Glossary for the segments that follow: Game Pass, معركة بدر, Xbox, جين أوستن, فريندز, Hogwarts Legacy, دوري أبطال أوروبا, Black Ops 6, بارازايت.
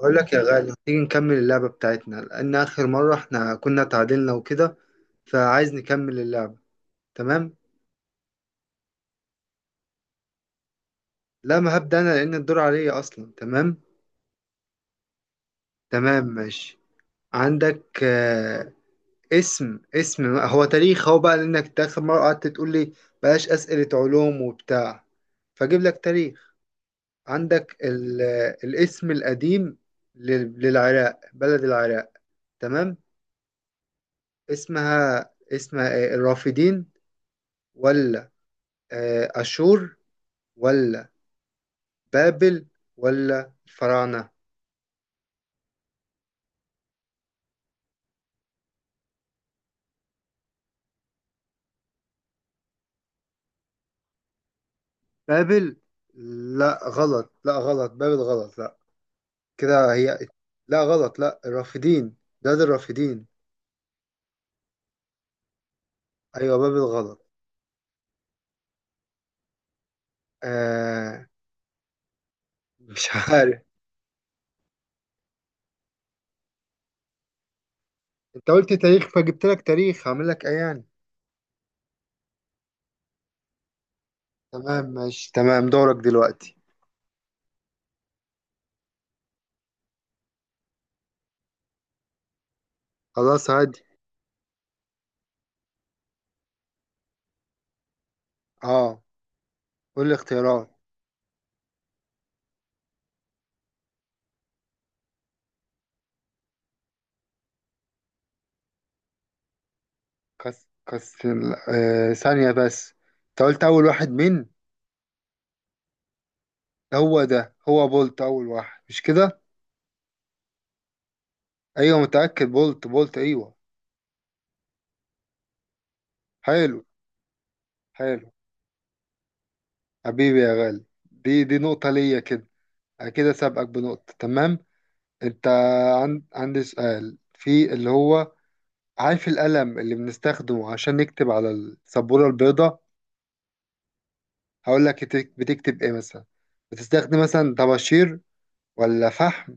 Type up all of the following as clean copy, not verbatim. أقول لك يا غالي، تيجي نكمل اللعبة بتاعتنا لأن آخر مرة إحنا كنا تعادلنا وكده، فعايز نكمل اللعبة. تمام؟ لا، ما هبدأ أنا لأن الدور عليا أصلا. تمام؟ تمام، ماشي. عندك اسم هو تاريخ هو بقى، لأنك إنت آخر مرة قعدت تقول لي بلاش أسئلة علوم وبتاع، فأجيب لك تاريخ. عندك ال... آه، الاسم القديم للعراق، بلد العراق. تمام؟ اسمها إيه؟ الرافدين، ولا أشور، ولا بابل، ولا الفراعنة؟ بابل؟ لا غلط، لا غلط، بابل غلط. لا، كده هي. لا غلط، لا، الرافدين. ده الرافدين. أيوة، بابل غلط. آه، مش عارف. أنت قلت تاريخ فجبت لك تاريخ، هعمل لك إيه يعني؟ تمام ماشي، تمام، دورك دلوقتي. خلاص، عادي. أه، قول لي اختيارات. كس كس، آه، ثانية بس. أنت قلت أول واحد مين؟ هو ده، هو بولت أول واحد، مش كده؟ ايوه متأكد، بولت، بولت، ايوه. حلو. حلو، حبيبي يا غالي. دي نقطة ليا كده. انا كده سابقك بنقطة. تمام. انت عندي سؤال في اللي هو، عارف القلم اللي بنستخدمه عشان نكتب على السبورة البيضاء؟ هقول لك، بتكتب ايه مثلا؟ بتستخدم مثلا طباشير، ولا فحم،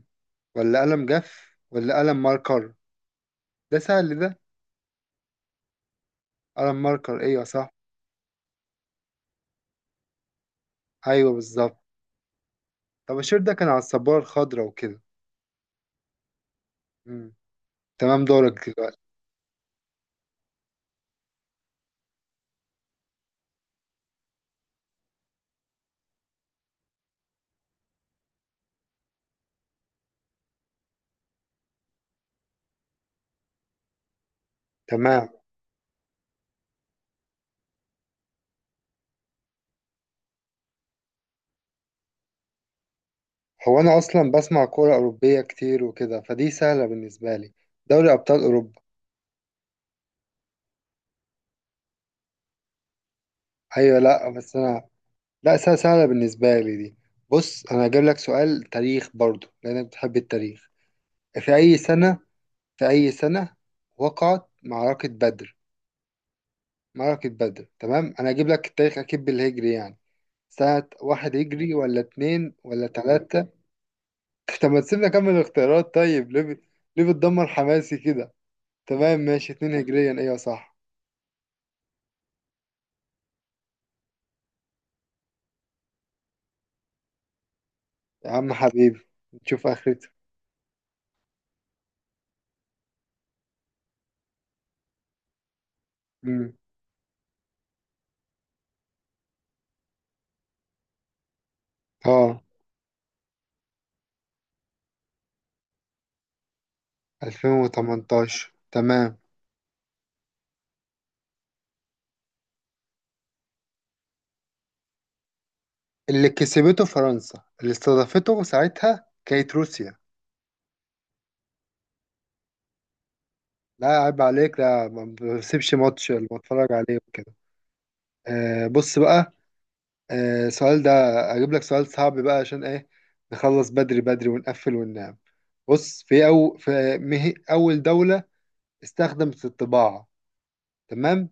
ولا قلم جاف، ولا قلم ماركر؟ ده سهل ده. قلم ماركر، ايوه صح. ايوه، بالظبط. طباشير ده كان على السبورة الخضراء وكده. مم. تمام، دورك دلوقتي. تمام. هو أنا أصلا بسمع كورة أوروبية كتير وكده، فدي سهلة بالنسبة لي. دوري أبطال أوروبا. أيوة، لأ بس أنا، لأ سهلة، سهلة بالنسبة لي دي. بص، أنا هجيب لك سؤال تاريخ برضو لأنك بتحب التاريخ. في أي سنة، في أي سنة وقعت معركة بدر؟ معركة بدر، تمام، أنا هجيب لك التاريخ أكيد بالهجري يعني. سنة واحد هجري، ولا اتنين، ولا تلاتة؟ طب ما تسيبنا أكمل الاختيارات طيب، ليه ليه بتدمر حماسي كده؟ تمام ماشي، اتنين هجريا، أيوة صح. يا عم حبيبي، نشوف اخرته. امم، اه، 2018 تمام. اللي كسبته فرنسا، اللي استضافته ساعتها كانت روسيا. لا عيب عليك، لا، ما بسيبش ماتش اللي بتفرج عليه وكده. آه بص بقى، آه السؤال ده، اجيب لك سؤال صعب بقى عشان ايه نخلص بدري بدري ونقفل وننام. بص، في أو في اول دولة استخدمت الطباعة. تمام.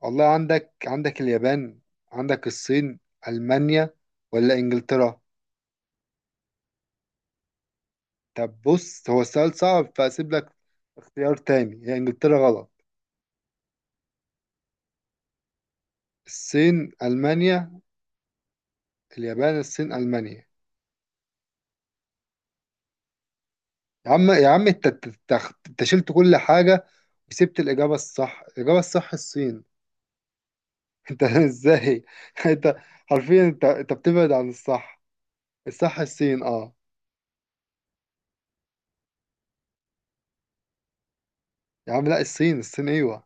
والله عندك، عندك اليابان، عندك الصين، ألمانيا، ولا إنجلترا؟ طب بص، هو السؤال صعب فأسيب لك اختيار تاني، هي إنجلترا غلط. الصين، ألمانيا، اليابان، الصين، ألمانيا. يا عم، يا عم انت، انت شلت كل حاجة وسبت الإجابة الصح، الإجابة الصح الصين. انت ازاي؟ انت حرفيا انت بتبعد عن الصح. الصح الصين، اه. يا عم لا، الصين، الصين، ايوه.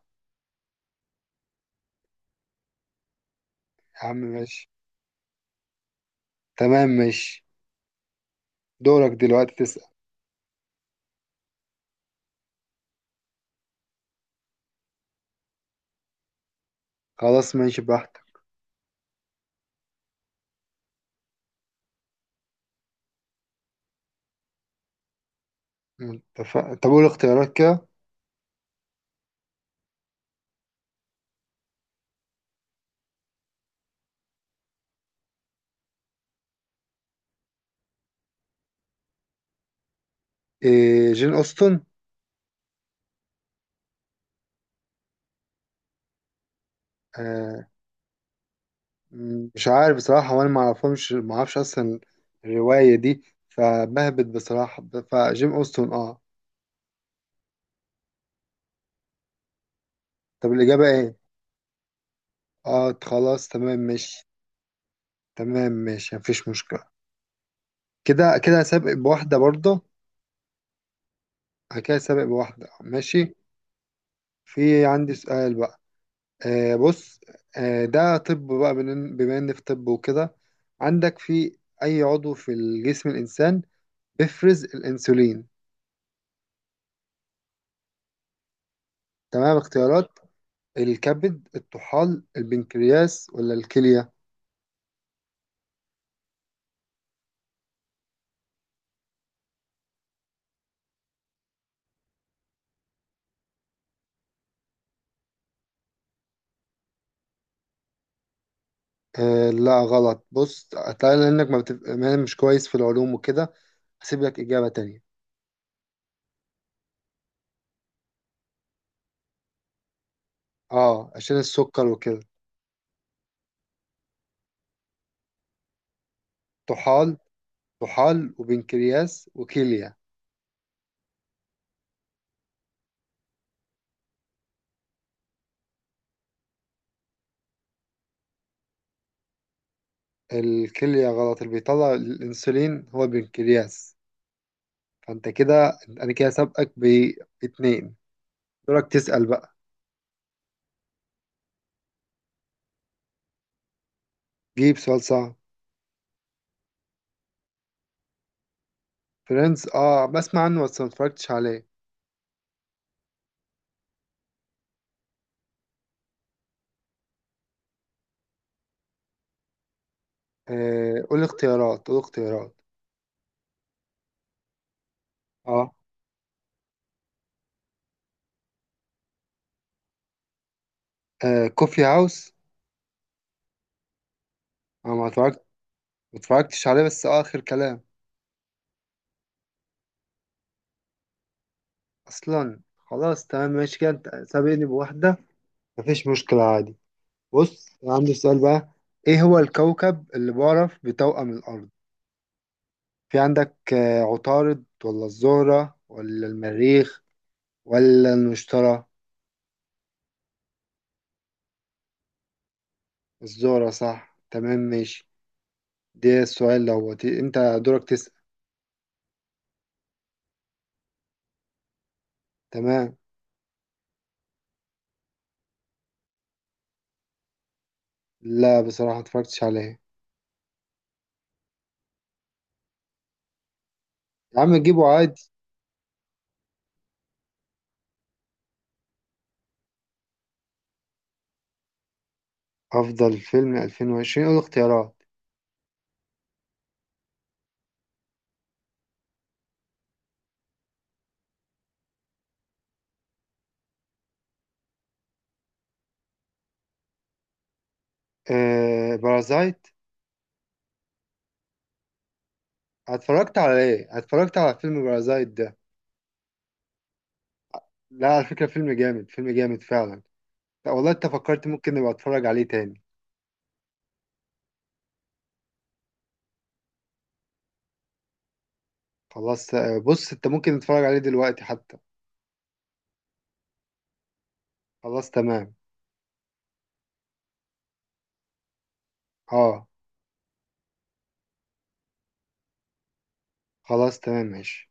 يا عم ماشي، تمام ماشي. دورك دلوقتي تسأل. خلاص ماشي، براحتك. متفق، طب قول اختيارات كده. إيه، جين أوستن. آه، مش عارف بصراحة، وأنا ما أعرفهمش، ما أعرفش أصلا الرواية دي، فبهبت بصراحة، فجين أوستن، أه. طب الإجابة إيه؟ أه خلاص، تمام ماشي. تمام ماشي، مفيش مشكلة. كده كده سابق بواحدة برضه. أنا كده سابق بواحدة، ماشي. في عندي سؤال بقى. آه بص، آه ده، طب بقى بما ان في طب وكده، عندك في اي عضو في الجسم الانسان بيفرز الانسولين؟ تمام، اختيارات. الكبد، الطحال، البنكرياس، ولا الكلية؟ آه لا غلط. بص، هتلاقي لانك ما مش كويس في العلوم وكده، هسيب لك اجابة تانية. اه، عشان السكر وكده. طحال، طحال وبنكرياس وكلية. الكلية غلط، اللي بيطلع الانسولين هو البنكرياس. فانت كده، انا كده سابقك باتنين. دورك تسأل بقى. جيب سؤال صعب. فريندز، اه بسمع عنه بس ما اتفرجتش عليه. آه قول اختيارات، قول اختيارات. اه، آه كوفي هاوس. انا ما اتفرجت، ما اتفرجتش عليه، بس آه اخر كلام. اصلا خلاص، تمام ماشي، كده انت سابقني بواحدة. مفيش مشكلة، عادي. بص، أنا عندي سؤال بقى. ايه هو الكوكب اللي بعرف بتوأم الارض؟ في عندك آه، عطارد، ولا الزهرة، ولا المريخ، ولا المشتري؟ الذرة صح، تمام ماشي. ده السؤال دوت، انت دورك تسأل. تمام. لا بصراحة، متفرجتش عليه. يا عم، جيبه عادي. أفضل فيلم 2020، قول اختيارات. آه بارازايت. اتفرجت على ايه؟ اتفرجت على فيلم بارازايت ده؟ لا على فكرة، فيلم جامد، فيلم جامد فعلا. لا والله، انت فكرت، ممكن نبقى اتفرج عليه تاني. خلاص آه، بص، انت ممكن تتفرج عليه دلوقتي حتى. خلاص تمام. اه خلاص، تمام ماشي.